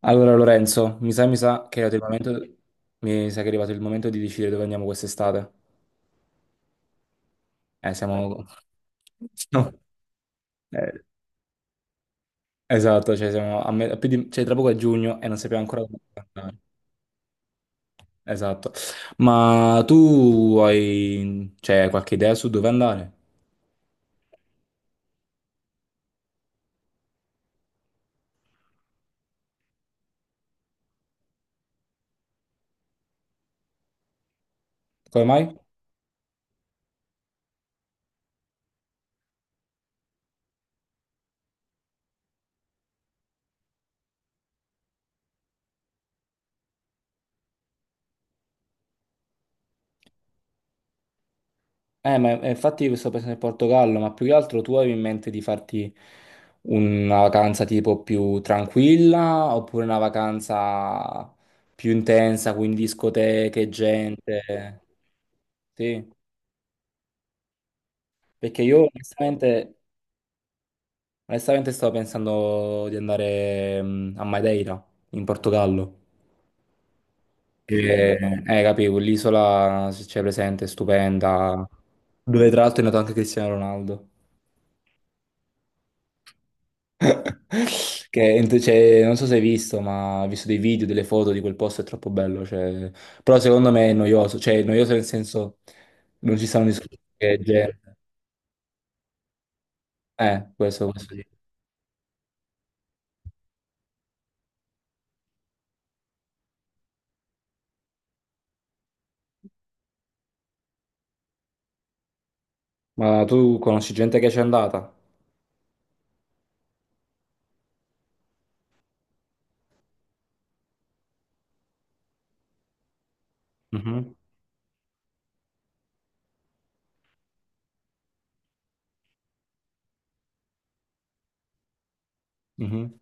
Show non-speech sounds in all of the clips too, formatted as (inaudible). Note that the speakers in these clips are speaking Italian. Allora Lorenzo, mi sa che è arrivato il momento, mi sa che è arrivato il momento di decidere dove andiamo quest'estate. Siamo. (laughs) No, eh, esatto, cioè siamo a me- a più di- cioè, tra poco è giugno e non sappiamo ancora dove andare. Esatto. Ma tu hai, cioè, qualche idea su dove andare? Come mai? Ma infatti io sto pensando in Portogallo, ma più che altro tu avevi in mente di farti una vacanza tipo più tranquilla oppure una vacanza più intensa, quindi discoteche, gente? Sì, perché io onestamente stavo pensando di andare a Madeira, in Portogallo. Che, Capivo, l'isola, se c'è presente, è stupenda, dove tra l'altro è nato anche Cristiano Ronaldo. (laughs) Che cioè, non so se hai visto, ma ho visto dei video, delle foto di quel posto, è troppo bello. Cioè. Però secondo me è noioso, cioè è noioso nel senso non ci stanno discorsi che gente. Questo sì. Ma tu conosci gente che c'è andata? Mhm, mhm.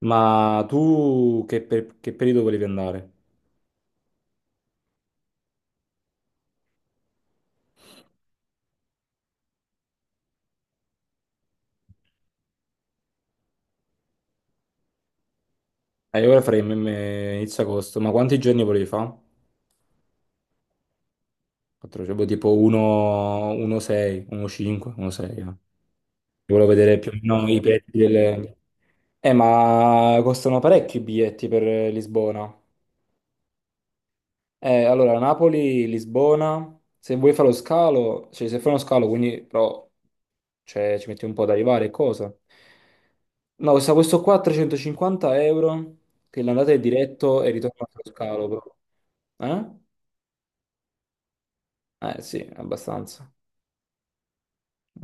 Ma tu che periodo volevi andare? Io ora farei inizio agosto, ma quanti giorni volevi fare? Quattro, cioè, boh, tipo 1, 1,6, 1,5, 1,6. Volevo vedere più o meno i pezzi delle. Ma costano parecchi i biglietti per Lisbona. Allora, Napoli, Lisbona, se vuoi fare lo scalo, cioè se fai uno scalo, quindi però cioè, ci metti un po' ad arrivare e cosa. No, costa questo qua 350 euro, che l'andata è diretto e ritorno allo scalo, però. Eh? Eh sì, abbastanza.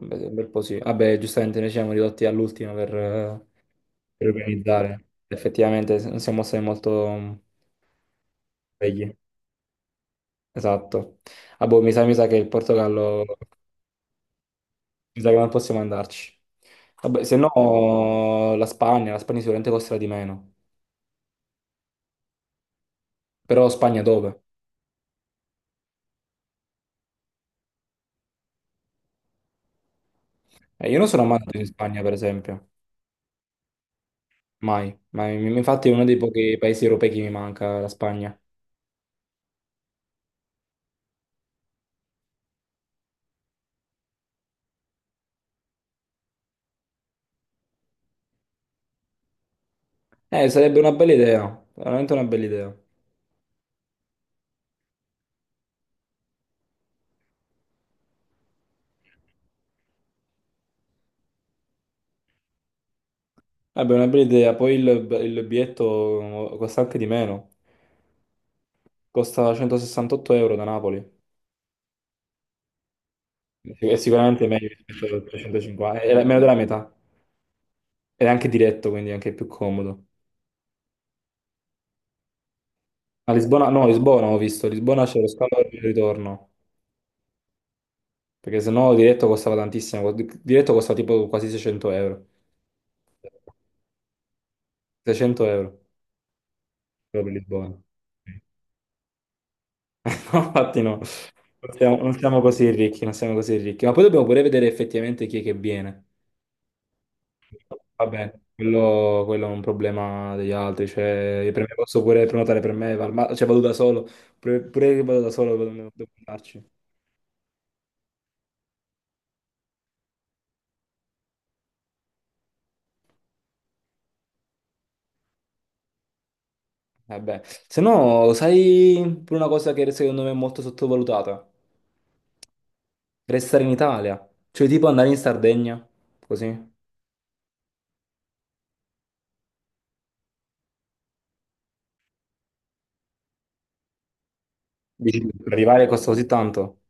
Un bel po' sì. Vabbè, giustamente noi ci siamo ridotti all'ultimo per organizzare. Effettivamente non siamo stati molto svegli. Esatto. Ah, boh, mi sa che il Portogallo, mi sa che non possiamo andarci. Vabbè, se no la Spagna sicuramente costerà di meno. Però Spagna dove? Io non sono mai andato in Spagna, per esempio. Mai. Ma infatti è uno dei pochi paesi europei che mi manca, la Spagna. Sarebbe una bella idea, veramente una bella idea. Vabbè, una bella idea. Poi il biglietto costa anche di meno. Costa 168 euro da Napoli. È sicuramente meglio rispetto al 350, è meno della metà. Ed è anche diretto, quindi è anche più comodo. A Lisbona, no, Lisbona ho visto, Lisbona c'è lo scalo e il ritorno, perché sennò diretto costava tantissimo, diretto costava tipo quasi 600 euro, 600 euro proprio per Lisbona. (laughs) No, infatti no, non siamo così ricchi, non siamo così ricchi, ma poi dobbiamo pure vedere effettivamente chi è che viene. Vabbè, quello è un problema degli altri, cioè per me posso pure prenotare per me, cioè vado da solo, pure che vado da solo devo andarci. Eh beh, se no, sai pure una cosa che secondo me è molto sottovalutata? Restare in Italia, cioè tipo andare in Sardegna, così. Dici, arrivare costa così tanto.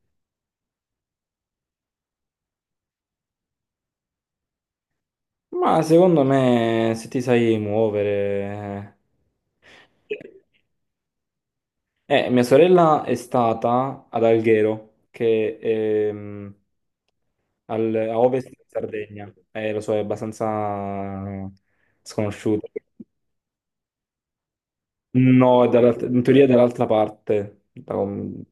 Ma secondo me, se ti sai muovere. Eh, Mia sorella è stata ad Alghero, che è a ovest di Sardegna, lo so, è abbastanza sconosciuto. No, è in teoria è dall'altra parte. Da- com-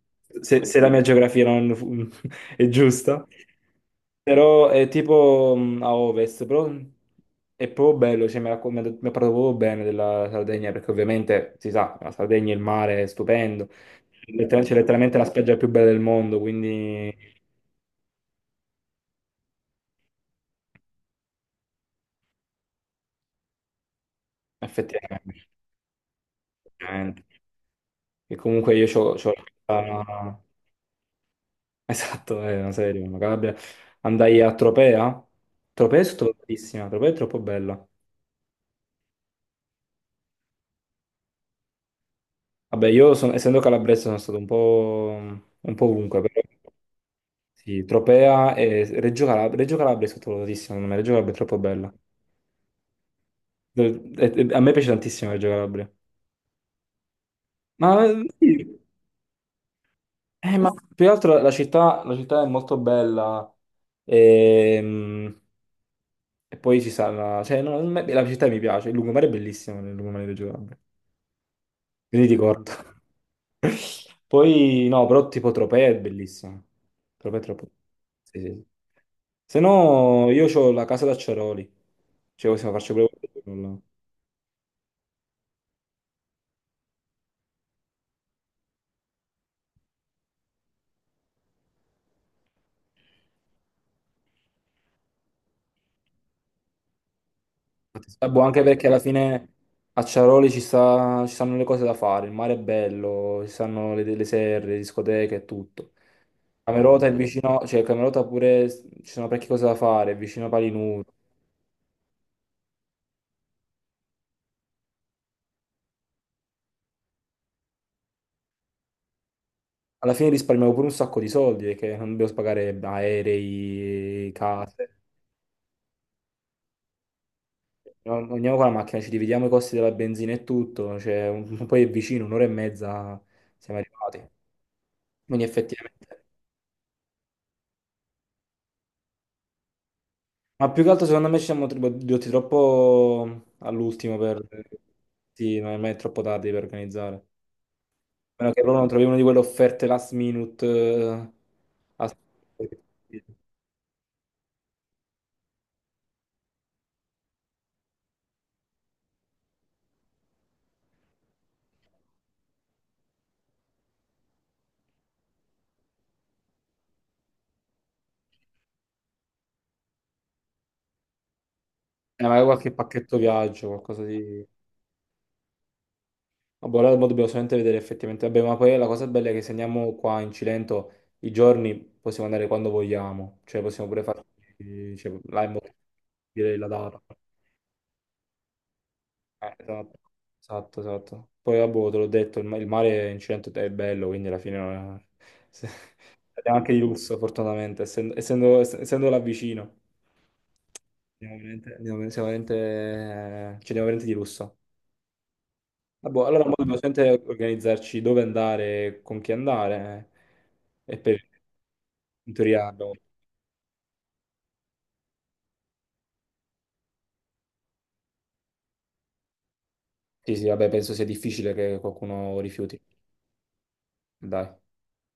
se, se la mia geografia non (laughs) è giusta, però è tipo a ovest, però è proprio bello. Cioè, mi ha racco- mi ha detto- mi ha parlato proprio bene della Sardegna, perché ovviamente si sa, la Sardegna, il mare è stupendo. C'è letteralmente la spiaggia più bella del mondo, quindi effettivamente. Effettivamente. E comunque io ho. Esatto, è una serie, una Calabria. Andai a Tropea. Tropea è sottovalutatissima, Tropea è troppo bella. Vabbè, essendo calabrese sono stato un po' ovunque, però sì, Tropea e Reggio Calabria, Reggio Calabria è sottovalutatissima, secondo me, Reggio Calabria è troppo bella. A me piace tantissimo Reggio Calabria. Ma, sì, ma più che altro la città è molto bella e, mm, e poi ci sarà. Cioè, no, la città mi piace, il lungomare è bellissimo, il lungomare di Reggio Calabria. Me li ricordo. (laughs) Poi, no, però tipo Tropea è bellissima. Tropea è troppo. Sì, sì. Sì. Se no, io ho la casa d'acciaroli. Cioè, possiamo farci pure quello. Infatti, sta buono anche perché alla fine a Ciaroli ci stanno le cose da fare. Il mare è bello, ci stanno le serre, le discoteche e tutto. Camerota è vicino, cioè Camerota pure ci sono parecchie cose da fare, è vicino a Palinuro. Alla fine risparmiavo pure un sacco di soldi perché non dovevo pagare aerei, case. No, andiamo con la macchina, ci dividiamo i costi della benzina e tutto. Cioè, poi è vicino, un'ora e mezza siamo arrivati. Quindi effettivamente. Ma più che altro secondo me ci siamo ridotti troppo all'ultimo per. Sì, non è mai troppo tardi per organizzare. A meno che loro non trovi una di quelle offerte last minute. A- Magari qualche pacchetto viaggio, qualcosa di. Ah, boh, allora mo dobbiamo solamente vedere effettivamente. Vabbè, ma poi la cosa bella è che se andiamo qua in Cilento i giorni possiamo andare quando vogliamo, cioè possiamo pure farci cioè, là in Molise, dire la data. Esatto, esatto, esatto. Poi vabbè, te l'ho detto, il mare in Cilento è bello, quindi alla fine non è- (laughs) se- andiamo anche di lusso, fortunatamente, essendo là vicino. Andiamo veramente, siamo veramente, ci andiamo veramente di lusso. Ah, boh, allora mo dobbiamo sempre organizzarci dove andare, con chi andare. E per in teoria abbiamo- Sì, sì, vabbè, penso sia difficile che qualcuno rifiuti. Dai.